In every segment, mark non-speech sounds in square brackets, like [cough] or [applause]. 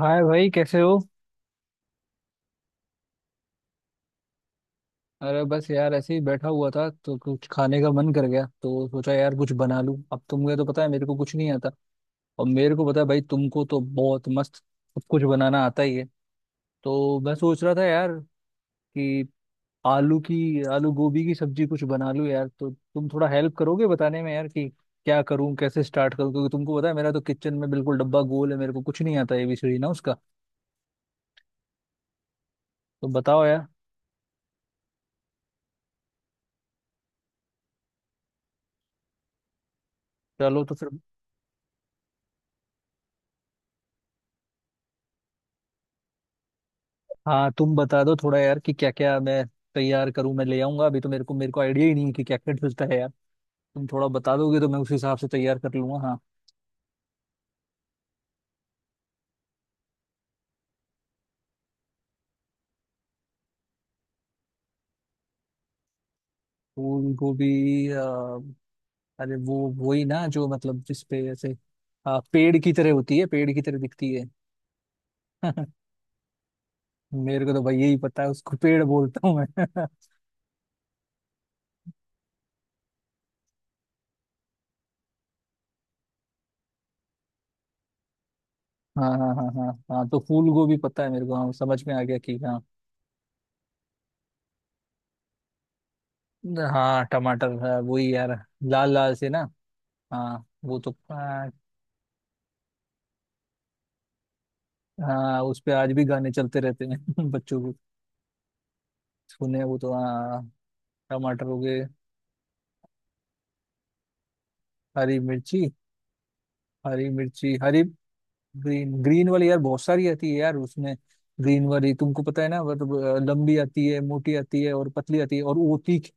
हाय भाई, कैसे हो। अरे बस यार, ऐसे ही बैठा हुआ था तो कुछ खाने का मन कर गया, तो सोचा यार कुछ बना लूं। अब तुमको तो पता है मेरे को कुछ नहीं आता। और मेरे को पता है भाई, तुमको तो बहुत मस्त सब कुछ बनाना आता ही है। तो मैं सोच रहा था यार कि आलू की आलू गोभी की सब्जी कुछ बना लूं यार, तो तुम थोड़ा हेल्प करोगे बताने में यार कि क्या करूं, कैसे स्टार्ट करूं। क्योंकि तुमको पता है मेरा तो किचन में बिल्कुल डब्बा गोल है, मेरे को कुछ नहीं आता, ये भी सही ना उसका। तो बताओ यार। चलो तो फिर। हाँ, तुम बता दो थोड़ा यार कि क्या क्या मैं तैयार करूं, मैं ले आऊंगा अभी। तो मेरे को आइडिया ही नहीं है कि क्या क्या डलता है यार। तुम थोड़ा बता दोगे तो मैं उस हिसाब से तैयार कर लूंगा, हाँ। फूल गोभी। अ, अरे वो, वही ना जो मतलब जिसपे ऐसे पेड़ की तरह होती है, पेड़ की तरह दिखती है। [laughs] मेरे को तो भाई यही पता है, उसको पेड़ बोलता हूँ मैं। [laughs] हाँ हाँ हाँ हाँ हाँ, तो फूल गोभी पता है मेरे को, हाँ समझ में आ गया कि हाँ। हाँ, टमाटर है वही यार, लाल लाल से ना, हाँ वो तो हाँ। हाँ, उस पे आज भी गाने चलते रहते हैं [laughs] बच्चों को, सुने वो तो हाँ। टमाटर हो गए। हरी मिर्ची, हरी मिर्ची, हरी। ग्रीन ग्रीन वाली यार, बहुत सारी आती है यार उसमें। ग्रीन वाली तुमको पता है ना, वो तो लंबी आती है, मोटी आती है, और पतली आती है, और वो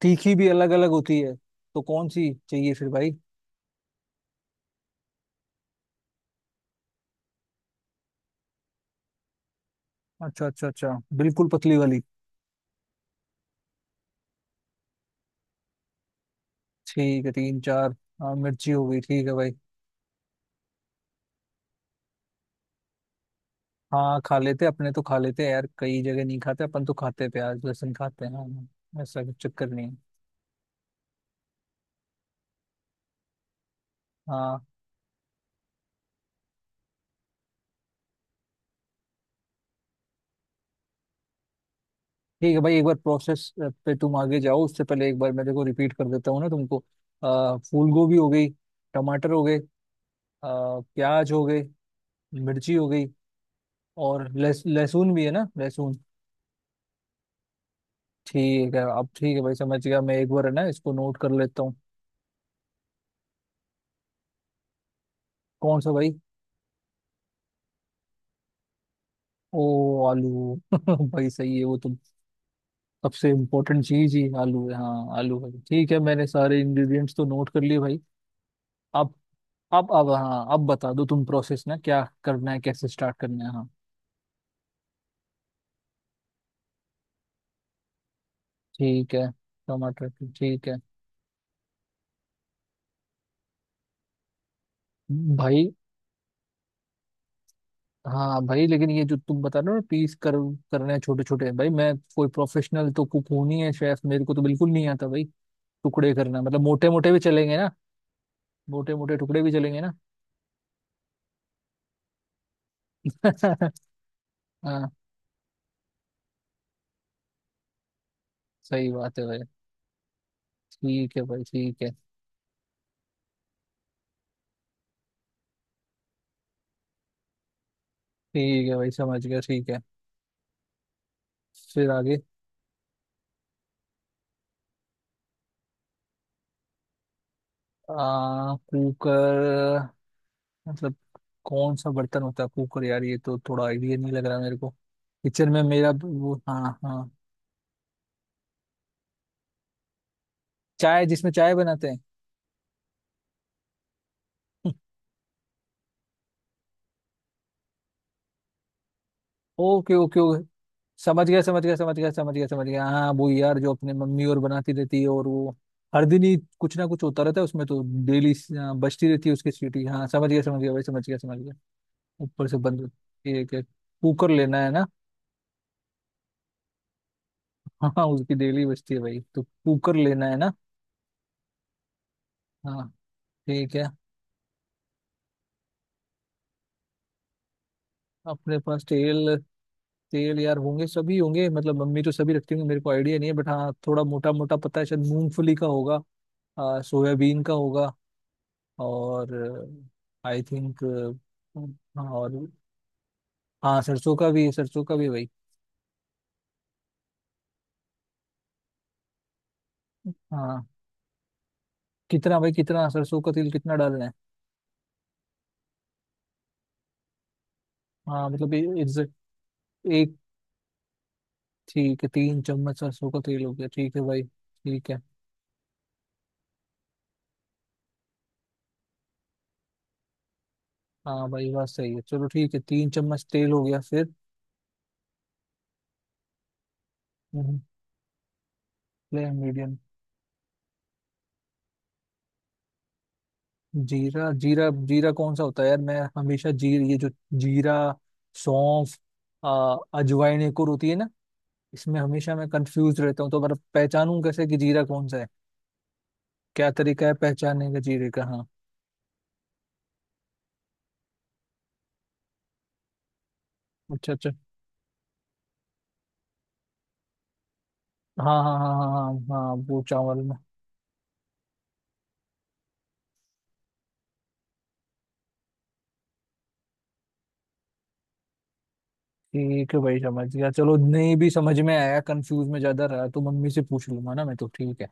तीखी भी अलग अलग होती है, तो कौन सी चाहिए फिर भाई? अच्छा अच्छा अच्छा, बिल्कुल पतली वाली। ठीक है, तीन चार। हाँ, मिर्ची हो गई, ठीक है भाई। हाँ, खा लेते, अपने तो खा लेते यार, कई जगह नहीं खाते, अपन तो खाते, प्याज लहसुन खाते हैं हाँ, ऐसा कुछ चक्कर नहीं है। हाँ ठीक है भाई, एक बार प्रोसेस पे तुम आगे जाओ, उससे पहले एक बार मैं, देखो, रिपीट कर देता हूँ ना तुमको। फूल गोभी हो गई। टमाटर हो गए। प्याज हो गए। मिर्ची हो गई। और लहसुन भी है ना, लहसुन। ठीक है, अब ठीक है भाई, समझ गया, मैं एक बार, है ना, इसको नोट कर लेता हूँ। कौन सा भाई? ओ, आलू। [laughs] भाई सही है वो तो। सबसे इम्पोर्टेंट चीज ही आलू है, हाँ आलू है, ठीक है मैंने सारे इंग्रेडिएंट्स तो नोट कर लिए भाई। अब। अब हाँ, अब बता दो तुम प्रोसेस ना, क्या करना है, कैसे स्टार्ट करना है हाँ। ठीक है, ठीक है भाई। हाँ भाई, लेकिन ये जो तुम बता रहे हो ना, पीस कर करने हैं छोटे छोटे भाई, मैं कोई प्रोफेशनल तो कुक हूं नहीं है, शेफ मेरे को तो बिल्कुल नहीं आता भाई। टुकड़े करना मतलब मोटे मोटे भी चलेंगे ना, मोटे मोटे टुकड़े भी चलेंगे ना। [laughs] हाँ, सही बात है भाई। ठीक है भाई ठीक है। ठीक है भाई, समझ गया, ठीक है, फिर आगे। कुकर, मतलब कौन सा बर्तन होता है कुकर यार? ये तो थोड़ा आइडिया नहीं लग रहा मेरे को, किचन में मेरा वो, हाँ हाँ। चाय, जिसमें चाय बनाते हैं? [laughs] ओके ओके ओके, समझ गया समझ गया समझ गया समझ गया समझ गया, हाँ वो यार जो अपने मम्मी और बनाती रहती है और वो, हर दिन ही कुछ ना कुछ होता रहता है उसमें तो, डेली बजती रहती है उसकी सीटी, हाँ समझ गया भाई समझ गया समझ गया। ऊपर से बंद। ये क्या, कुकर लेना है ना? [laughs] हाँ, उसकी डेली बजती है भाई, तो कुकर लेना है ना। हाँ, ठीक है। अपने पास तेल, तेल यार होंगे सभी, होंगे मतलब मम्मी तो सभी रखती होंगी, मेरे को आइडिया नहीं है, बट हाँ थोड़ा मोटा मोटा पता है, शायद मूंगफली का होगा। सोयाबीन का होगा। और आई थिंक, और हाँ, सरसों का भी, सरसों का भी भाई। हाँ, कितना भाई, कितना सरसों का तेल कितना डालना है? हाँ मतलब एक, ठीक है 3 चम्मच सरसों का तेल हो गया, ठीक है भाई ठीक है। हाँ भाई, बात सही है, चलो ठीक है, 3 चम्मच तेल हो गया फिर। Flame medium. जीरा, जीरा, जीरा कौन सा होता है यार? मैं हमेशा जीर ये जो जीरा, सौंफ, अजवाइन एक और होती है ना। इसमें हमेशा मैं कंफ्यूज रहता हूँ, तो मतलब पहचानूं कैसे कि जीरा कौन सा है? क्या तरीका है पहचानने का जीरे का, हाँ? अच्छा अच्छा। हाँ हाँ हाँ हाँ हाँ हाँ हाँ, वो चावल में। ठीक है भाई, समझ गया, चलो नहीं भी समझ में आया, कंफ्यूज में ज्यादा रहा तो मम्मी से पूछ लूंगा ना मैं, तो ठीक है।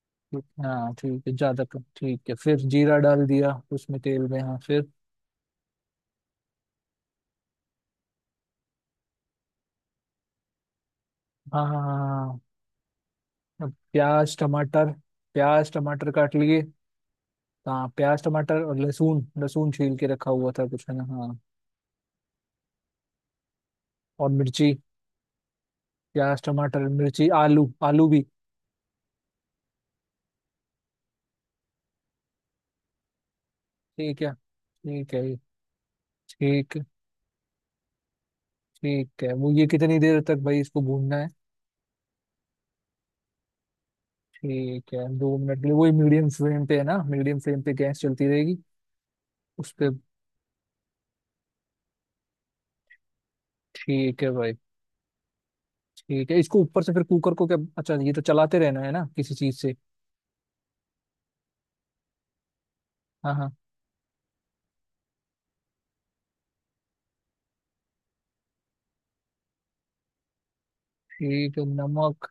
हाँ ठीक है, ज्यादा ठीक है, फिर जीरा डाल दिया उसमें तेल में, हाँ फिर। हाँ हाँ हाँ हाँ, हाँ। अब, प्याज टमाटर। प्याज टमाटर काट लिए। हाँ, प्याज टमाटर और लहसुन, लहसुन छील के रखा हुआ था कुछ, है ना हाँ। और मिर्ची। प्याज टमाटर मिर्ची आलू, आलू भी। ठीक है, ठीक है, ठीक, ठीक है, वो ये कितनी देर तक भाई इसको भूनना है? ठीक है, 2 मिनट के लिए वही मीडियम फ्लेम पे है ना, मीडियम फ्लेम पे गैस चलती रहेगी उस पे, ठीक है भाई। ठीक है, इसको ऊपर से फिर कुकर को क्या, अच्छा ये तो चलाते रहना है ना किसी चीज से? हाँ हाँ। ठीक है, नमक।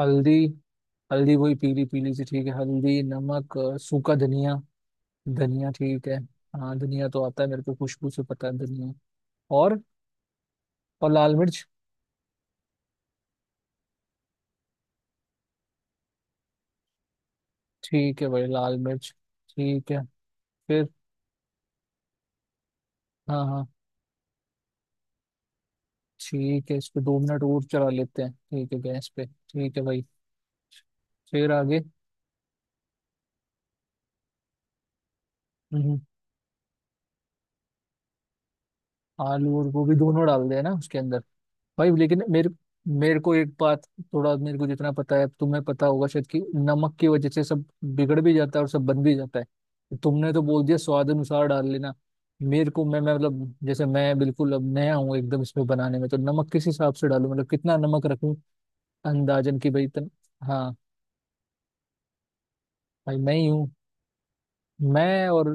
हल्दी। हल्दी वही पीली पीली सी, ठीक है, हल्दी, नमक, सूखा धनिया। धनिया, ठीक है। हाँ, धनिया तो आता है मेरे को, खुशबू से पता है धनिया। और। और लाल मिर्च। ठीक है भाई, लाल मिर्च। ठीक है। फिर। हाँ हाँ। ठीक है, इसको 2 मिनट और चला लेते हैं, ठीक है गैस पे, ठीक है भाई। फिर आगे। हम्म, आलू और गोभी दोनों डाल देना उसके अंदर। भाई लेकिन मेरे मेरे को एक बात, थोड़ा मेरे को जितना पता है तुम्हें पता होगा शायद, कि नमक की वजह से सब बिगड़ भी जाता है और सब बन भी जाता है, तुमने तो बोल दिया स्वाद अनुसार डाल लेना। मेरे को मैं मतलब जैसे मैं बिल्कुल अब नया हूँ एकदम इसमें बनाने में, तो नमक किस हिसाब से डालूं, मतलब कितना नमक रखूं? अंदाजन की भाई। तन हाँ भाई, मैं ही हूँ। मैं और।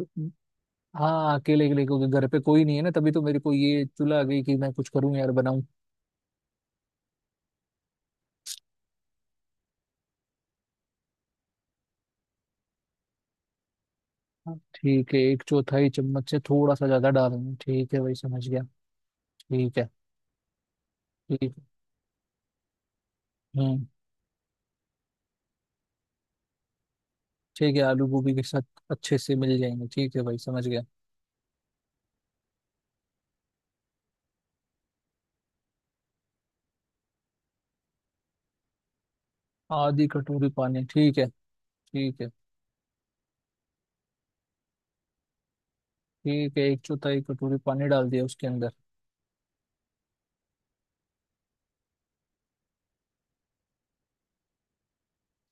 हाँ, अकेले अकेले क्योंकि घर पे कोई नहीं है ना, तभी तो मेरे को ये चुला आ गई कि मैं कुछ करूँ यार, बनाऊं। हाँ, ठीक है, एक चौथाई चम्मच से थोड़ा सा ज्यादा डालेंगे, ठीक है भाई, समझ गया, ठीक है, ठीक है। हम्म, ठीक है, आलू गोभी के साथ अच्छे से मिल जाएंगे, ठीक है भाई, समझ गया। आधी कटोरी पानी, ठीक है, ठीक है। ठीक है, एक चौथाई कटोरी पानी डाल दिया उसके अंदर।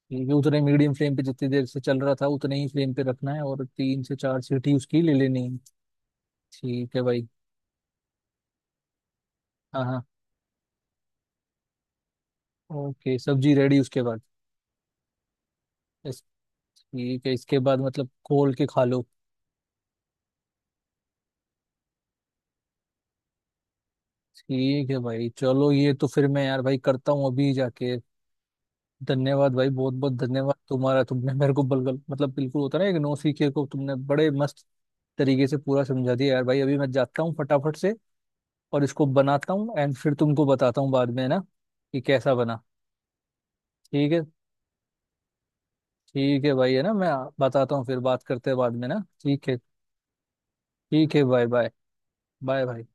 ठीक है, उतने मीडियम फ्लेम पे जितनी देर से चल रहा था उतने ही फ्लेम पे रखना है, और तीन से चार सीटी उसकी ले लेनी है। ठीक है भाई। हाँ हाँ। ओके, सब्जी रेडी, उसके बाद। इस- ठीक है, इसके बाद मतलब खोल के खा लो। ठीक है भाई चलो, ये तो फिर मैं यार भाई करता हूँ अभी जाके। धन्यवाद भाई, बहुत बहुत धन्यवाद तुम्हारा, तुमने मेरे को बलगल मतलब बिल्कुल होता है ना, एक नौसिखिए को तुमने बड़े मस्त तरीके से पूरा समझा दिया यार भाई, अभी मैं जाता हूँ फटाफट से। और इसको बनाता हूँ, एंड फिर तुमको बताता हूँ बाद में ना, कि कैसा बना। ठीक है, ठीक है भाई, है ना, मैं बताता हूँ, फिर बात करते हैं बाद में ना, ठीक है। ठीक है, बाय बाय। बाय भाई।